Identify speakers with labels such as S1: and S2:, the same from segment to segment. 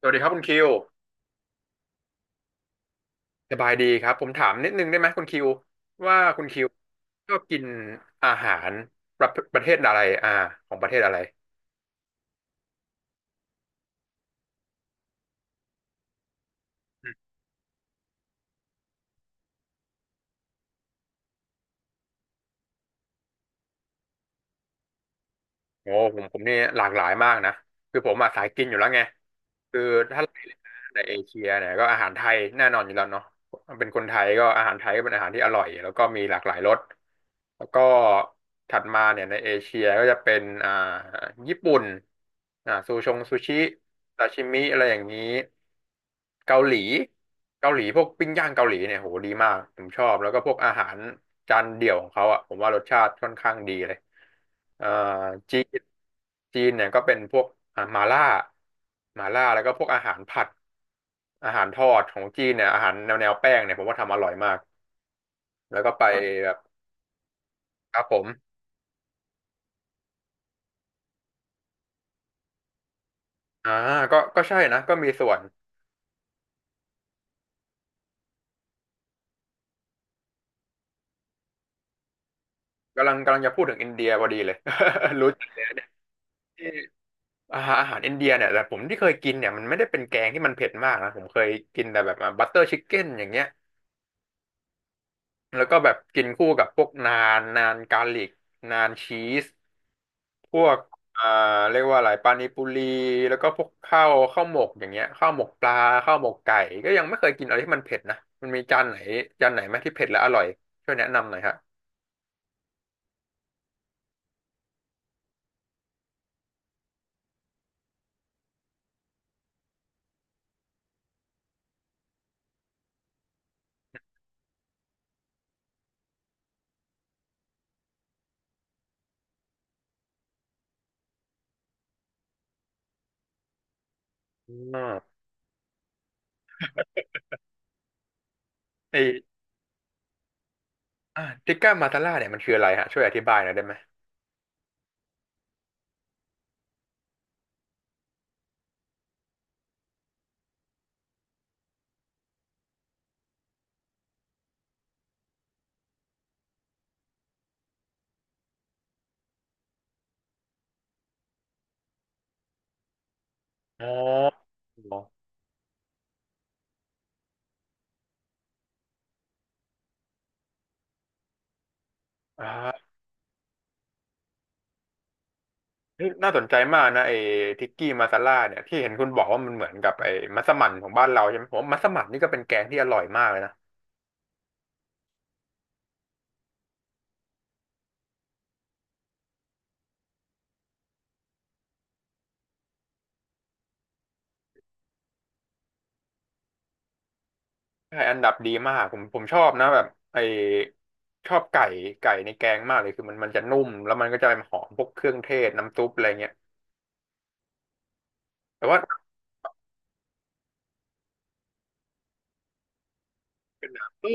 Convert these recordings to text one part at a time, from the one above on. S1: สวัสดีครับคุณคิวสบายดีครับผมถามนิดนึงได้ไหมคุณคิวว่าคุณคิวชอบกินอาหารประประเทศอะไรของประเทศอะไรอืมโอ้ผมนี่หลากหลายมากนะคือผมมาสายกินอยู่แล้วไงคือถ้าในเอเชียเนี่ยก็อาหารไทยแน่นอนอยู่แล้วเนาะ เป็นคนไทยก็อาหารไทยก็เป็นอาหารที่อร่อยแล้วก็มีหลากหลายรสแล้วก็ถัดมาเนี่ยในเอเชียก็จะเป็นญี่ปุ่นอ่าซูชงซูชิซาชิมิอะไรอย่างนี้เกาหลีเกาหลีพวกปิ้งย่างเกาหลีเนี่ยโหดีมากผมชอบแล้วก็พวกอาหารจานเดี่ยวของเขาอ่ะผมว่ารสชาติค่อนข้างดีเลยเอ่อจีนจีนเนี่ยก็เป็นพวกมาล่ามาล่าแล้วก็พวกอาหารผัด อาหารทอดของจีนเนี่ยอาหารแนวแป้งเนี่ยผมว่าทำอร่อยมากแล้วก็ไปครับแบบครับผมอ่าก็ใช่นะก็มีส่วนกำลังจะพูดถึงอินเดียพอดีเลย รู้จักที่อาหารอินเดียเนี่ยแต่ผมที่เคยกินเนี่ยมันไม่ได้เป็นแกงที่มันเผ็ดมากนะผมเคยกินแต่แบบบัตเตอร์ชิคเก้นอย่างเงี้ย แล้วก็แบบกินคู่กับพวกนานนานกาลิกนานชีสพวกอ่าเรียกว่าอะไรปานิปุรีแล้วก็พวกข้าวหมกอย่างเงี้ยข้าวหมกปลาข้าวหมกไก่ก็ยังไม่เคยกินอะไรที่มันเผ็ดนะมันมีจานไหนจานไหนไหมที่เผ็ดและอร่อยช่วยแนะนำหน่อยฮะอืมไอทิกก้ามาตาล่าเนี่ยมันคืออะไรฮะช่วยอธิบายหน่อยได้ไหมอ๋ออ๋ออ่า นี่น่าสนใจมากนะไอ้ทิกกี้มาซาล่าเนี่ยที่เห็นคุณบอกว่ามันเหมือนกับไอ้มัสมั่นของบ้านเราใช่ไหมผมว่ามัสมั่นนี่ก็เป็นแกงที่อร่อยมากเลยนะใช่อันดับดีมากผมชอบนะแบบไอ้ชอบไก่ไก่ในแกงมากเลยคือมันจะนุ่มแล้วมันก็จะหอมพวกเครื่องเทศน้ำซุปอะไรเงี้ยแต่ว่า เออ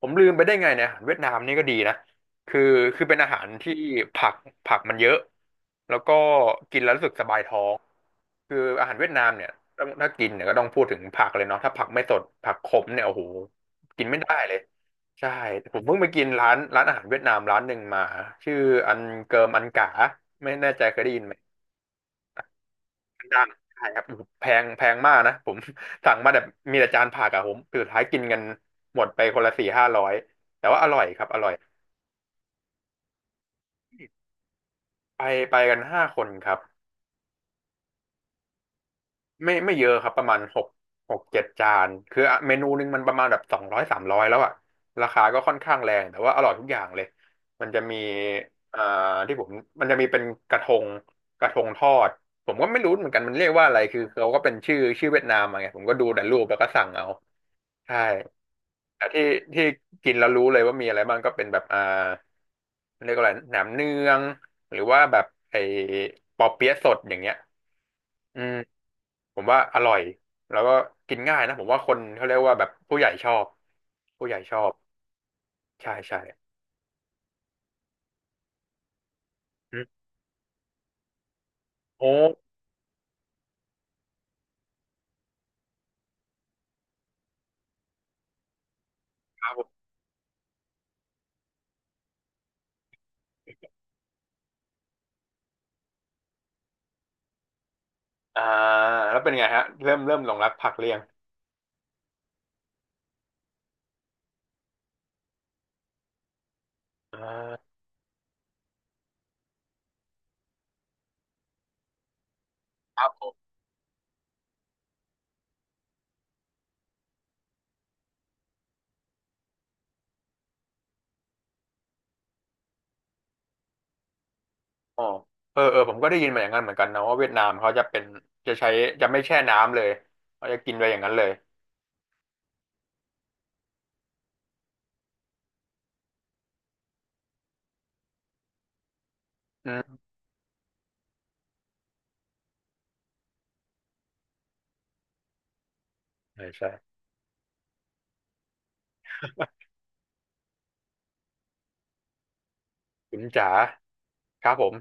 S1: ผมลืมไปได้ไงเนี่ยอาหารเวียดนามนี่ก็ดีนะคือคือเป็นอาหารที่ผักผักมันเยอะแล้วก็กินแล้วรู้สึกสบายท้องคืออาหารเวียดนามเนี่ยต้องถ้ากินเนี่ยก็ต้องพูดถึงผักเลยเนาะถ้าผักไม่สดผักขมเนี่ยโอ้โหกินไม่ได้เลยใช่ผมเพิ่งไปกินร้านอาหารเวียดนามร้านหนึ่งมาชื่ออันเกิมอันกาไม่แน่ใจเคยได้ยินไหม ดังใช่ครับแพงแพงมากนะผม สั่งมาแบบมีแต่จานผักอะผมสุดท้ายกินกันหมดไปคนละสี่ห้าร้อยแต่ว่าอร่อยครับอร่อยไปไปกันห้าคนครับไม่เยอะครับประมาณหกหกเจ็ดจานคือเมนูหนึงมันประมาณแบบสองร้อยสามร้อยแล้วอะราคาก็ค่อนข้างแรงแต่ว่าอร่อยทุกอย่างเลยมันจะมีอ่าที่ผมมันจะมีเป็นกระทงกระทงทอดผมก็ไม่รู้เหมือนกันมันเรียกว่าอะไรคือเขาก็เป็นชื่อเวียดนามอะไงผมก็ดูแต่รูปแล้วก็สั่งเอาใช่ ที่ที่กินแล้วรู้เลยว่ามีอะไรบ้างก็เป็นแบบเรียกว่าอะไรหนามเนืองหรือว่าแบบไอ้ปอเปี๊ยะสดอย่างเงี้ยอืมผมว่าอร่อยแล้วก็กินง่ายนะผมว่าคนเขาเรียกว่าแบบผู้ใหญ่ชอบผู้ใหญ่ชอบใช่ใช่อืมโอ้ครับผมอ่าแล้วเป็นไงฮะเริ่มเริ่มหลงรักผักเรียงอ่าครับผมอ๋อเออเออผมก็ได้ยินมาอย่างนั้นเหมือนกันนะว่าเวียดนามเขาจะเป็นจะใช้จะไม่แช่น้ำเลยเขาจะกินไปอย่างนั้นเลยอืมใช่ใช่ คุณจ๋าครับผม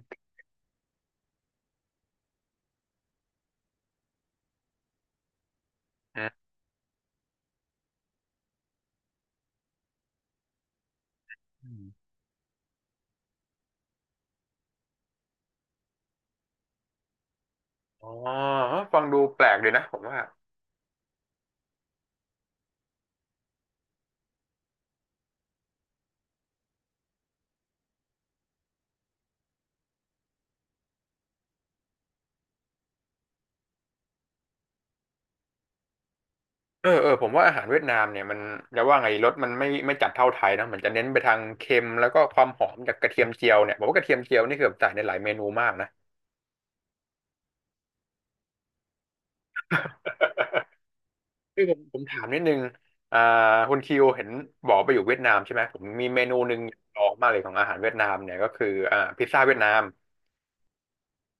S1: อืมอ๋อฟังดูแปลกดีนะผมว่าเออเออผมว่าอาหารเวียดนามเนี่ยมันจะว่าไงรสมันไม่จัดเท่าไทยนะมันจะเน้นไปทางเค็มแล้วก็ความหอมจากกระเทียมเจียวเนี่ยผมว่ากระเทียมเจียวนี่คือแบบใส่ในหลายเมนูมากนะ คือผมถามนิดนึงอ่าคุณคิวเห็นบอกไปอยู่เวียดนามใช่ไหมผมมีเมนูหนึ่งลองมากเลยของอาหารเวียดนามเนี่ยก็คือพิซซ่าเวียดนาม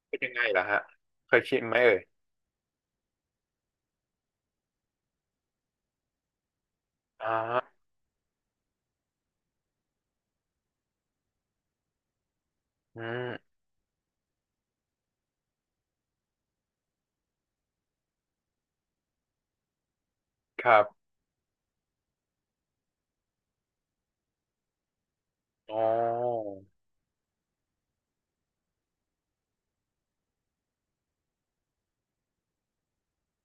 S1: เป็นยังไงล่ะฮะเคยชิมไหมเอ่ยอ่าอืมครับอ๋อ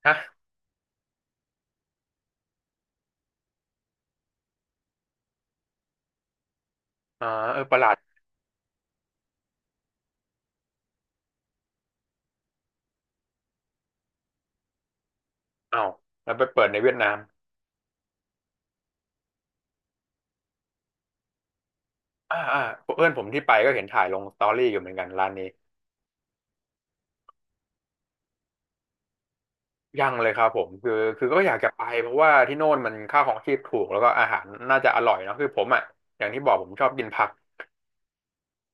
S1: ฮะ อ่าเออประหลาดอ้าวแล้วไปเปิดในเวียดนามอ่าอ่าเพื่อนผมที่ไปก็เห็นถ่ายลงสตอรี่อยู่เหมือนกันร้านนี้ยังเลยครับผมคือคือก็อยากจะไปเพราะว่าที่โน่นมันค่าของชีพถูกแล้วก็อาหารน่าจะอร่อยเนอะคือผมอ่ะอย่างที่บอกผมชอบกินผัก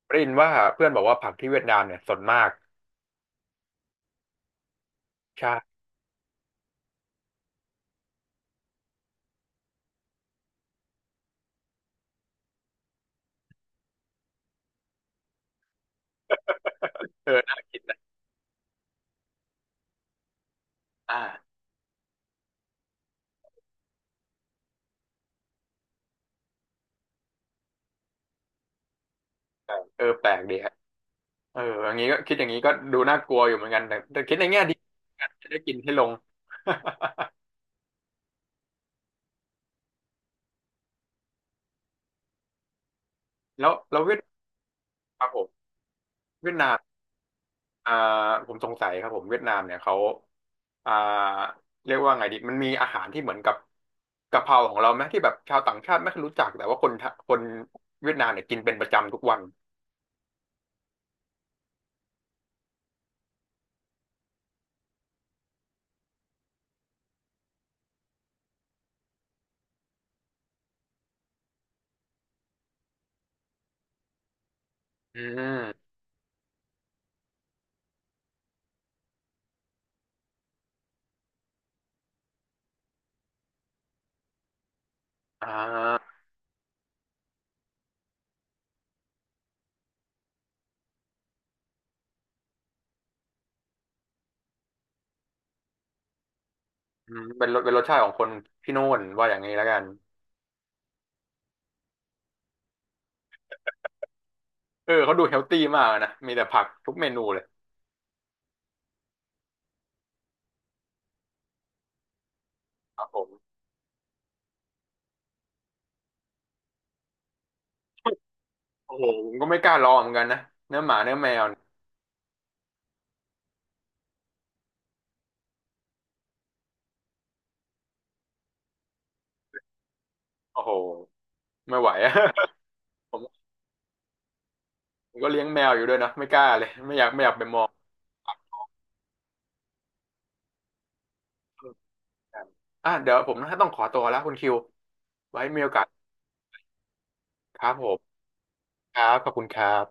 S1: ได้ยินว่าเพื่อนบอกว่าผักที่เวียดนามเนี่ยสดมากใช่เออน่ากินนะอ่าเออแปลกดีฮะเอออย่างนี้ก็คิดอย่างนี้ก็ดูน่ากลัวอยู่เหมือนกันแต่แต่คิดในแง่ดีจะได้กินให้ลง แล้วแล้วเวียดครับผมเวียดนาม อ่าผมสงสัยครับผมเวียดนามเนี่ยเขาอ่าเรียกว่าไงดีมันมีอาหารที่เหมือนกับกะเพราของเราไหมที่แบบชาวต่างชาติไม่ค่อยรู้จักแต่ว่าคนไทคนเวียดนามเนี่ยกินเป็นประจำทุกวันอืมอ่าอืมเป็นรสเป็นรสชาติของคนที่โน่นว่าอย่างนี้แล้วกันเออเขาดูเฮลตี้มากนะมีแต่ผักทุกเมนูเลยครับผมโอ้โหผมก็ไม่กล้าลองเหมือนกันนะเนื้อหมาเนื้อแมวเนี่ยโอ้โหไม่ไหวอะ ผมผมก็เลี้ยงแมวอยู่ด้วยนะไม่กล้าเลยไม่อยากไปมอง ครับอ่ะเดี๋ยวผมต้องขอตัวแล้วคุณคิวไว้มีโอกาสครับผมครับขอบคุณครับ